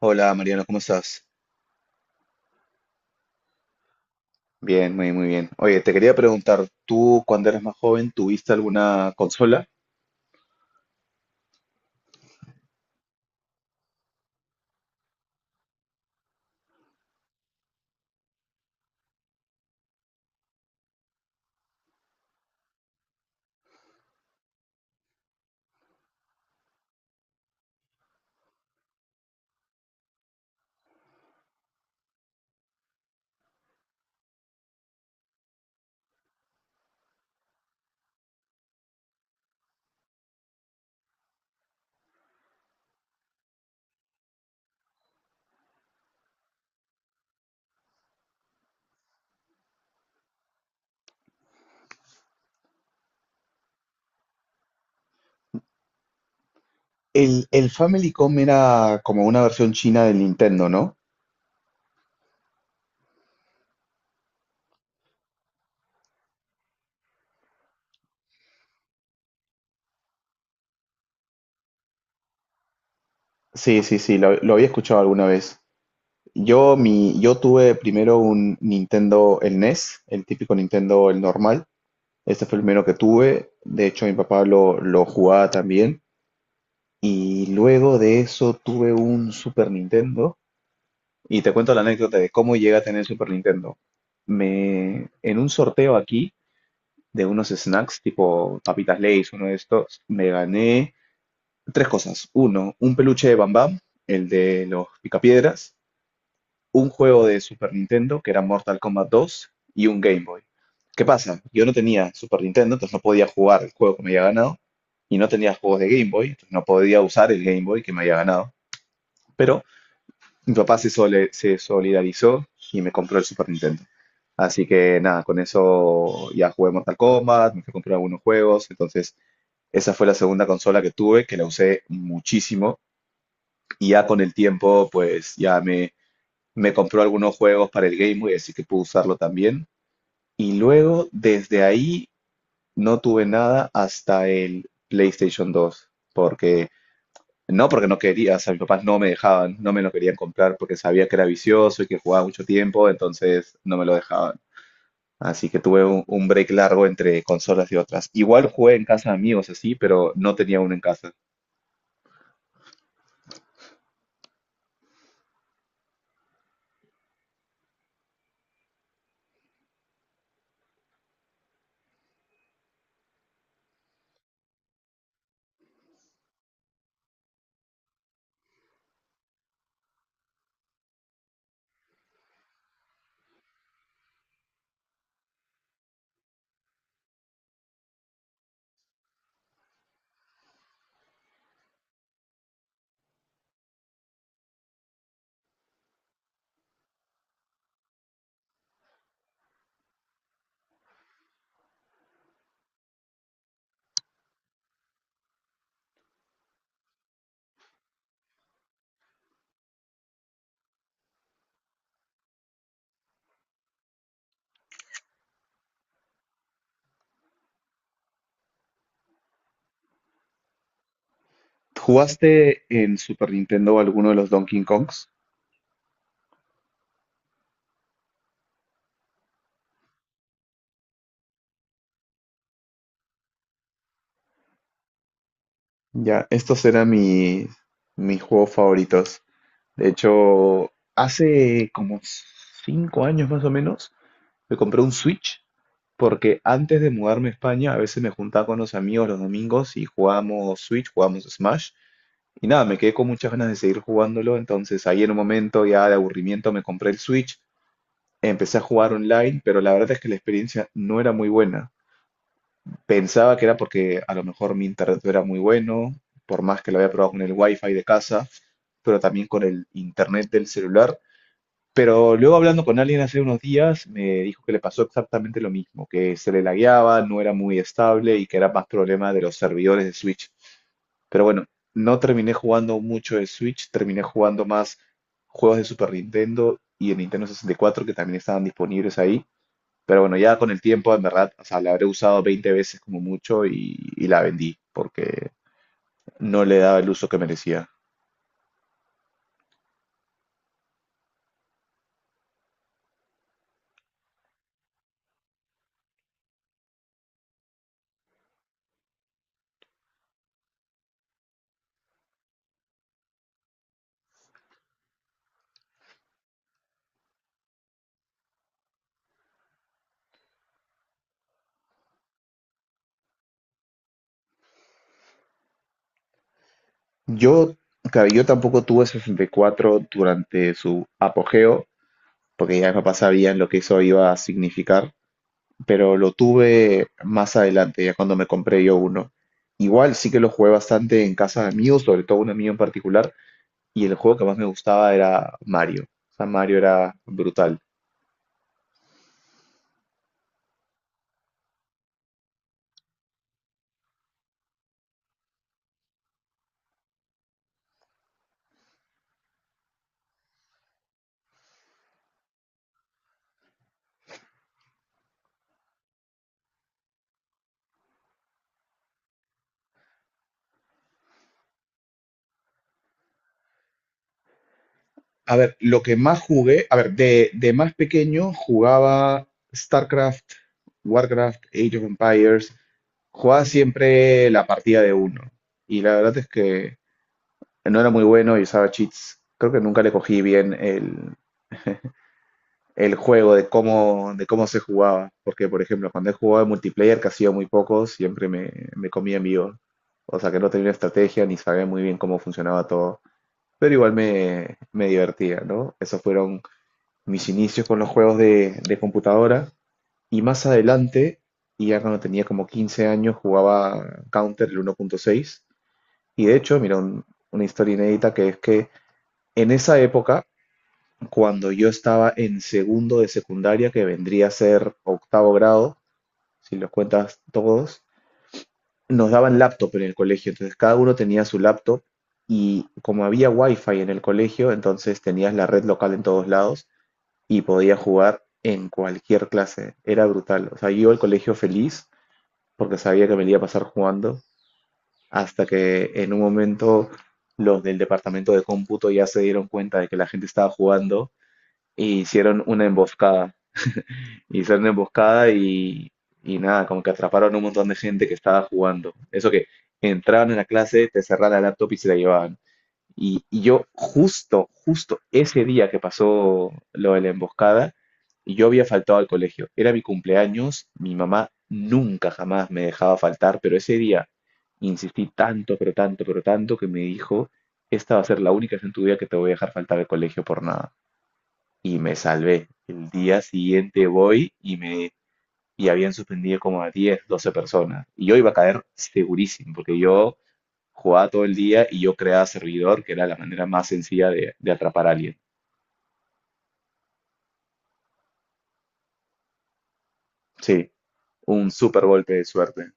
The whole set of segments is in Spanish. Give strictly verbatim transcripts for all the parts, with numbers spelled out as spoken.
Hola Mariano, ¿cómo estás? Bien, muy, muy bien. Oye, te quería preguntar, ¿tú cuando eras más joven tuviste alguna consola? El, el Family Famicom era como una versión china del Nintendo, ¿no? Sí, sí, sí, lo, lo había escuchado alguna vez. Yo, mi, yo tuve primero un Nintendo, el N E S, el típico Nintendo, el normal. Este fue el primero que tuve. De hecho, mi papá lo, lo jugaba también. Y luego de eso tuve un Super Nintendo. Y te cuento la anécdota de cómo llegué a tener el Super Nintendo. Me, en un sorteo aquí de unos snacks tipo papitas Lay's, uno de estos, me gané tres cosas. Uno, un peluche de Bam Bam, el de los picapiedras, un juego de Super Nintendo que era Mortal Kombat dos, y un Game Boy. ¿Qué pasa? Yo no tenía Super Nintendo, entonces no podía jugar el juego que me había ganado, y no tenía juegos de Game Boy, entonces no podía usar el Game Boy que me había ganado. Pero mi papá se, sole- se solidarizó y me compró el Super Nintendo. Así que nada, con eso ya jugué Mortal Kombat, me fui a comprar algunos juegos. Entonces, esa fue la segunda consola que tuve, que la usé muchísimo. Y ya con el tiempo, pues ya me, me compró algunos juegos para el Game Boy, así que pude usarlo también. Y luego, desde ahí, no tuve nada hasta el PlayStation dos, porque no, porque no quería, o sea, mis papás no me dejaban, no me lo querían comprar porque sabía que era vicioso y que jugaba mucho tiempo, entonces no me lo dejaban. Así que tuve un, un break largo entre consolas y otras. Igual jugué en casa de amigos, así, pero no tenía uno en casa. ¿Jugaste en Super Nintendo alguno de los Donkey Kongs? Ya, estos eran mi- mis juegos favoritos. De hecho, hace como cinco años más o menos, me compré un Switch. Porque antes de mudarme a España, a veces me juntaba con los amigos los domingos y jugábamos Switch, jugábamos Smash. Y nada, me quedé con muchas ganas de seguir jugándolo. Entonces ahí en un momento ya de aburrimiento me compré el Switch, empecé a jugar online, pero la verdad es que la experiencia no era muy buena. Pensaba que era porque a lo mejor mi internet no era muy bueno, por más que lo había probado con el wifi de casa, pero también con el internet del celular. Pero luego hablando con alguien hace unos días, me dijo que le pasó exactamente lo mismo, que se le lagueaba, no era muy estable y que era más problema de los servidores de Switch. Pero bueno, no terminé jugando mucho de Switch, terminé jugando más juegos de Super Nintendo y de Nintendo sesenta y cuatro que también estaban disponibles ahí. Pero bueno, ya con el tiempo, en verdad, o sea, la habré usado veinte veces como mucho, y, y la vendí porque no le daba el uso que merecía. Yo, claro, yo tampoco tuve sesenta y cuatro durante su apogeo, porque ya mis papás sabían lo que eso iba a significar, pero lo tuve más adelante, ya cuando me compré yo uno. Igual sí que lo jugué bastante en casa de amigos, sobre todo un amigo en particular, y el juego que más me gustaba era Mario. O sea, Mario era brutal. A ver, lo que más jugué, a ver, de, de más pequeño jugaba StarCraft, Warcraft, Age of Empires, jugaba siempre la partida de uno. Y la verdad es que no era muy bueno y usaba cheats. Creo que nunca le cogí bien el, el juego de cómo, de cómo se jugaba. Porque, por ejemplo, cuando he jugado en multiplayer, que ha sido muy poco, siempre me, me comía en vivo. O sea que no tenía estrategia ni sabía muy bien cómo funcionaba todo. Pero igual me, me divertía, ¿no? Esos fueron mis inicios con los juegos de, de computadora. Y más adelante, y ya cuando tenía como quince años, jugaba Counter el uno punto seis. Y de hecho, mira, un- una historia inédita, que es que en esa época cuando yo estaba en segundo de secundaria, que vendría a ser octavo grado, si los cuentas todos, nos daban laptop en el colegio, entonces cada uno tenía su laptop, y como había wifi en el colegio, entonces tenías la red local en todos lados y podías jugar en cualquier clase, era brutal. O sea, yo iba al colegio feliz porque sabía que me la iba a pasar jugando, hasta que en un momento los del departamento de cómputo ya se dieron cuenta de que la gente estaba jugando e hicieron una emboscada. Hicieron una emboscada y, y nada, como que atraparon un montón de gente que estaba jugando. Eso que entraban en la clase, te cerraban la laptop y se la llevaban. Y, y yo justo, justo ese día que pasó lo de la emboscada, yo había faltado al colegio. Era mi cumpleaños, mi mamá nunca jamás me dejaba faltar, pero ese día insistí tanto, pero tanto, pero tanto, que me dijo, esta va a ser la única vez en tu vida que te voy a dejar faltar al colegio por nada. Y me salvé. El día siguiente voy, y me y habían suspendido como a diez doce personas. Y yo iba a caer segurísimo, porque yo jugaba todo el día y yo creaba servidor, que era la manera más sencilla de, de atrapar a alguien. Sí, un super golpe de suerte.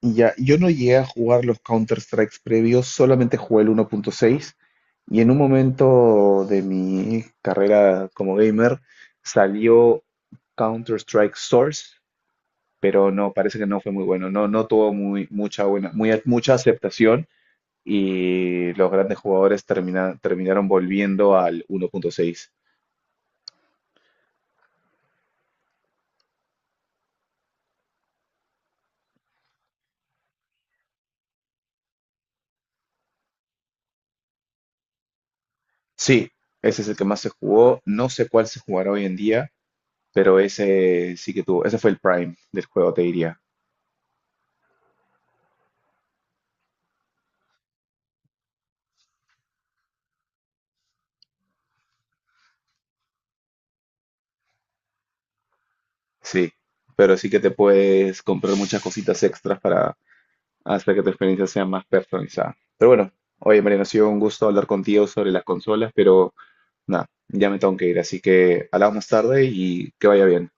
Y ya, yo no llegué a jugar los Counter-Strikes previos, solamente jugué el uno punto seis, y en un momento de mi carrera como gamer salió Counter-Strike Source, pero no, parece que no fue muy bueno, no, no tuvo muy, mucha, buena, muy, mucha aceptación, y los grandes jugadores termina- terminaron volviendo al uno punto seis. Sí, ese es el que más se jugó. No sé cuál se jugará hoy en día, pero ese sí que tuvo, ese fue el prime del juego, te diría. Sí, pero sí que te puedes comprar muchas cositas extras para hacer que tu experiencia sea más personalizada. Pero bueno, oye Mariano, ha sido un gusto hablar contigo sobre las consolas, pero nada, ya me tengo que ir, así que hablamos más tarde y que vaya bien.